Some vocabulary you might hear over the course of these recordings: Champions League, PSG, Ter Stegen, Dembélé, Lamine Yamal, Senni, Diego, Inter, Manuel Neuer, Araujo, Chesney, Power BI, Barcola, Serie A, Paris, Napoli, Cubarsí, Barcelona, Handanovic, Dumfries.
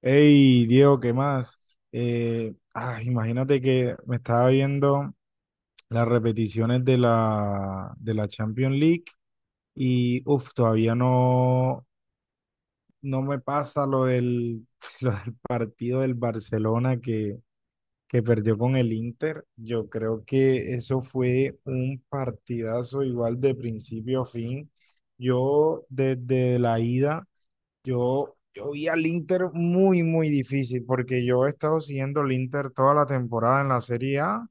Hey, Diego, ¿qué más? Imagínate que me estaba viendo las repeticiones de la Champions League y uf, todavía no, no me pasa lo del, lo del partido del Barcelona que perdió con el Inter. Yo creo que eso fue un partidazo igual de principio a fin. Yo desde la ida. Yo vi al Inter muy difícil porque yo he estado siguiendo al Inter toda la temporada en la Serie A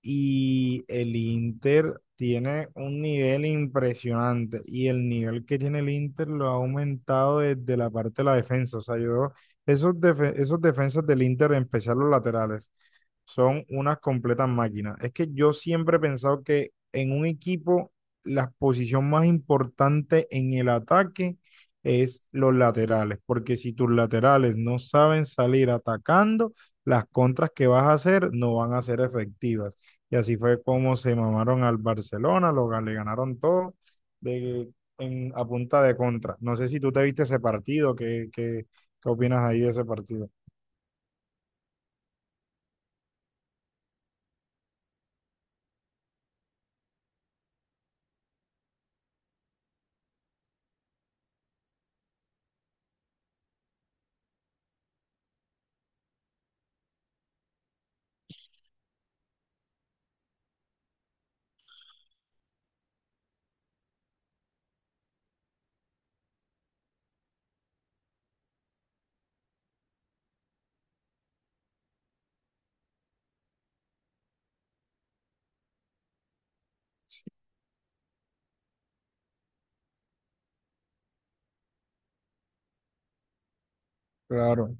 y el Inter tiene un nivel impresionante. Y el nivel que tiene el Inter lo ha aumentado desde la parte de la defensa. O sea, esos, esos defensas del Inter, en especial los laterales, son unas completas máquinas. Es que yo siempre he pensado que en un equipo, la posición más importante en el ataque es los laterales. Porque si tus laterales no saben salir atacando, las contras que vas a hacer no van a ser efectivas. Y así fue como se mamaron al Barcelona, le ganaron todo de, a punta de contra. No sé si tú te viste ese partido, ¿ qué opinas ahí de ese partido? Claro.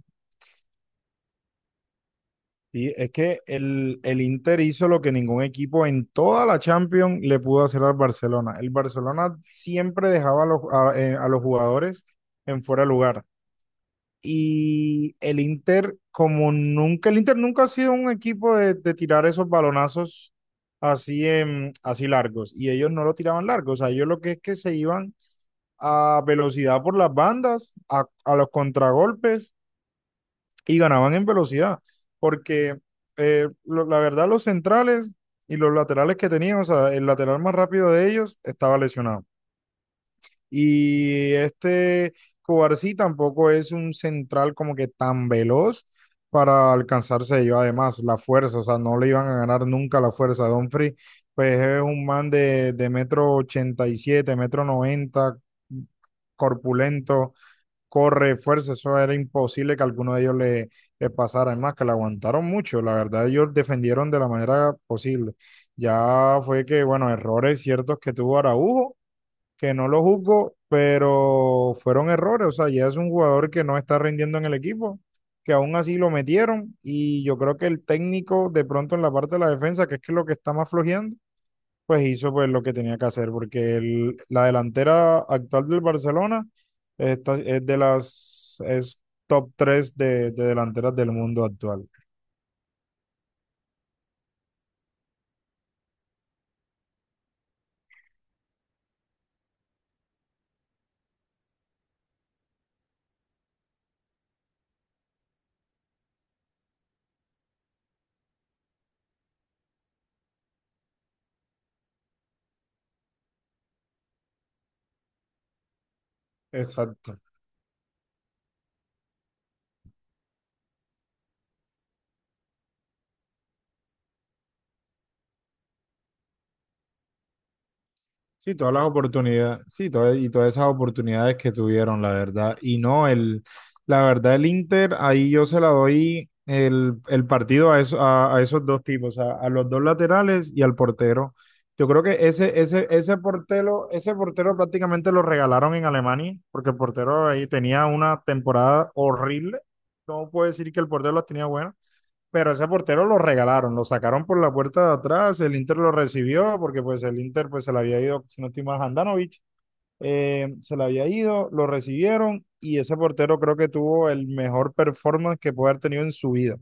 Y es que el Inter hizo lo que ningún equipo en toda la Champions le pudo hacer al Barcelona. El Barcelona siempre dejaba a a los jugadores en fuera de lugar. Y el Inter, como nunca, el Inter nunca ha sido un equipo de tirar esos balonazos así largos. Y ellos no lo tiraban largos. O sea, ellos lo que es que se iban a velocidad por las bandas, a los contragolpes y ganaban en velocidad. Porque la verdad, los centrales y los laterales que tenían, o sea, el lateral más rápido de ellos estaba lesionado. Y este Cubarsí tampoco es un central como que tan veloz para alcanzarse yo. Además, la fuerza, o sea, no le iban a ganar nunca la fuerza. Dumfries, pues es un man de 1,87 metros, 1,90 metros, corpulento, corre, fuerza, eso era imposible que alguno de ellos le pasara. Además, que le aguantaron mucho, la verdad, ellos defendieron de la manera posible. Ya fue que, bueno, errores ciertos que tuvo Araujo que no lo juzgo, pero fueron errores. O sea, ya es un jugador que no está rindiendo en el equipo, que aún así lo metieron. Y yo creo que el técnico, de pronto en la parte de la defensa, que es que lo que está más flojeando, pues hizo pues lo que tenía que hacer, porque la delantera actual del Barcelona es de las es top 3 de delanteras del mundo actual. Exacto. Sí, todas las oportunidades, sí, todas, y todas esas oportunidades que tuvieron, la verdad. Y no, el, la verdad, el Inter, ahí yo se la doy el partido a esos dos tipos, a los dos laterales y al portero. Yo creo que ese portero prácticamente lo regalaron en Alemania, porque el portero ahí tenía una temporada horrible. No puedo decir que el portero las tenía buenas pero ese portero lo regalaron, lo sacaron por la puerta de atrás, el Inter lo recibió porque pues el Inter pues se le había ido, si no estoy mal, Handanovic, se le había ido, lo recibieron y ese portero creo que tuvo el mejor performance que puede haber tenido en su vida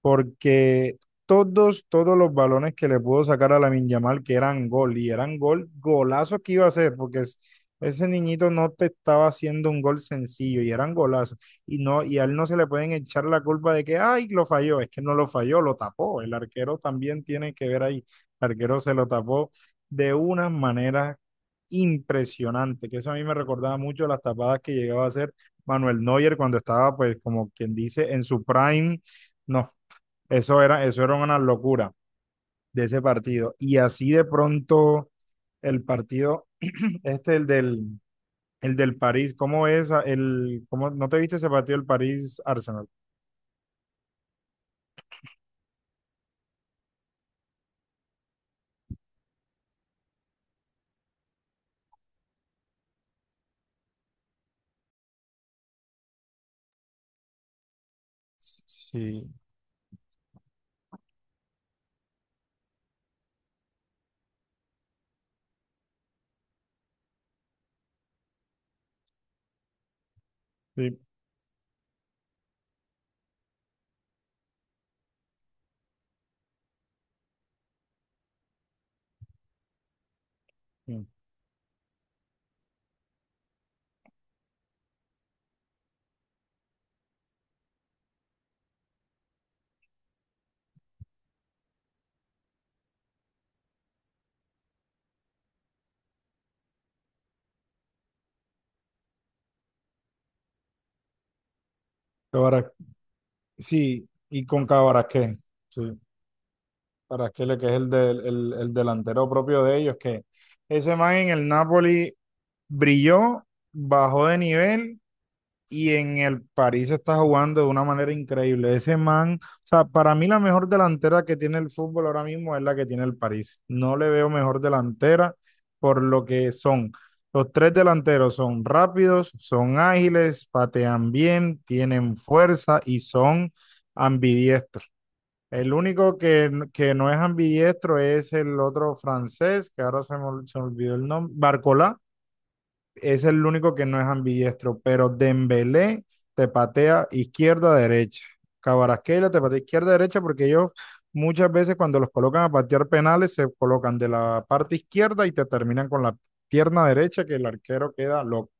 porque todos los balones que le pudo sacar a Lamine Yamal, que eran gol, y eran gol, golazo que iba a hacer, ese niñito no te estaba haciendo un gol sencillo, y eran golazos, y a él no se le pueden echar la culpa de que, ay, lo falló, es que no lo falló, lo tapó, el arquero también tiene que ver ahí, el arquero se lo tapó de una manera impresionante, que eso a mí me recordaba mucho las tapadas que llegaba a hacer Manuel Neuer cuando estaba, pues, como quien dice, en su prime, no, eso era una locura de ese partido. Y así de pronto el partido, este, el del París, ¿cómo es? ¿No te viste ese partido del París-Arsenal? Sí, sí, sí. Cabara- sí, y con Cabarasqué. Sí, Cabarasquele, que es el delantero propio de ellos, que ese man en el Napoli brilló, bajó de nivel y en el París está jugando de una manera increíble. Ese man, o sea, para mí la mejor delantera que tiene el fútbol ahora mismo es la que tiene el París. No le veo mejor delantera por lo que son. Los tres delanteros son rápidos, son ágiles, patean bien, tienen fuerza y son ambidiestros. El único que no es ambidiestro es el otro francés, que ahora se me olvidó el nombre, Barcola es el único que no es ambidiestro, pero Dembélé te patea izquierda, derecha. Cabarasqueira te patea izquierda, derecha, porque ellos muchas veces cuando los colocan a patear penales se colocan de la parte izquierda y te terminan con la pierna derecha que el arquero queda loco.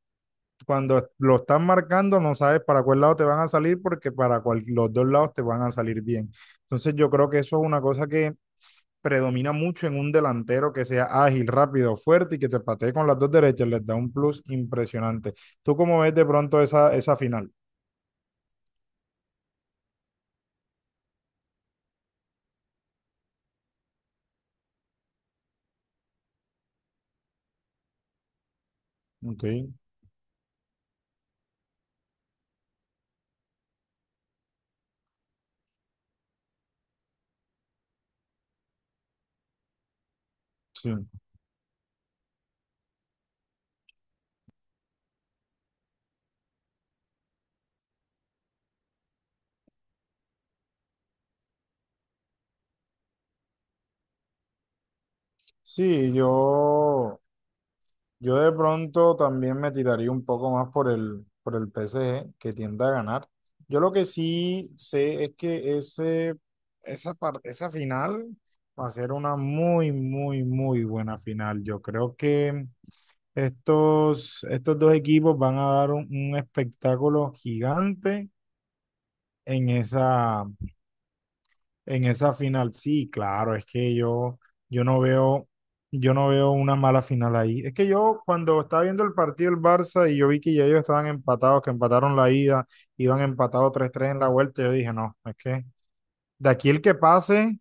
Cuando lo están marcando no sabes para cuál lado te van a salir porque los dos lados te van a salir bien. Entonces yo creo que eso es una cosa que predomina mucho en un delantero que sea ágil, rápido, fuerte y que te patee con las dos derechas, les da un plus impresionante. ¿Tú cómo ves de pronto esa final? Ok, sí. Sí, yo, yo de pronto también me tiraría un poco más por por el PSG, que tiende a ganar. Yo lo que sí sé es que esa final va a ser una muy buena final. Yo creo que estos dos equipos van a dar un espectáculo gigante en en esa final. Sí, claro, yo no veo, yo no veo una mala final ahí. Es que yo cuando estaba viendo el partido del Barça y yo vi que ya ellos estaban empatados, que empataron la ida, iban empatados 3-3 en la vuelta, yo dije, no, es que de aquí el que pase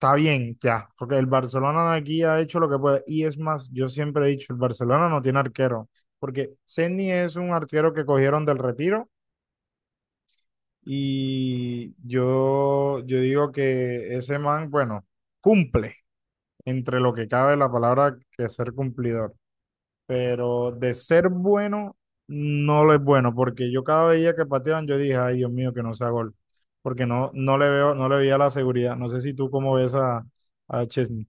Está bien, ya, porque el Barcelona aquí ha hecho lo que puede. Y es más, yo siempre he dicho, el Barcelona no tiene arquero, porque Senni es un arquero que cogieron del retiro y yo digo que ese man, bueno, cumple entre lo que cabe la palabra que ser cumplidor, pero de ser bueno, no lo es bueno, porque yo cada día que pateaban, yo dije, ay Dios mío, que no sea gol, porque no le veo, no le veía la seguridad. No sé si tú cómo ves a Chesney.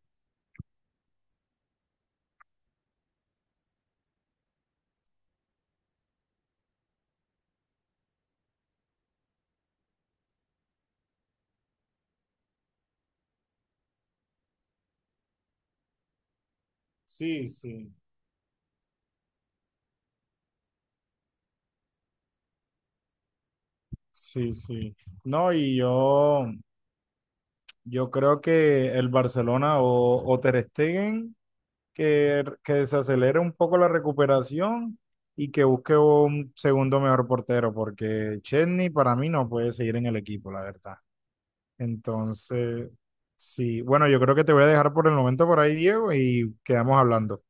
Sí, sí, sí, sí. No, y yo creo que el Barcelona o Ter Stegen, que se acelere un poco la recuperación y que busque un segundo mejor portero, porque Chesney para mí no puede seguir en el equipo, la verdad. Entonces, sí, bueno, yo creo que te voy a dejar por el momento por ahí, Diego, y quedamos hablando.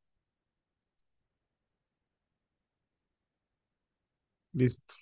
Listo.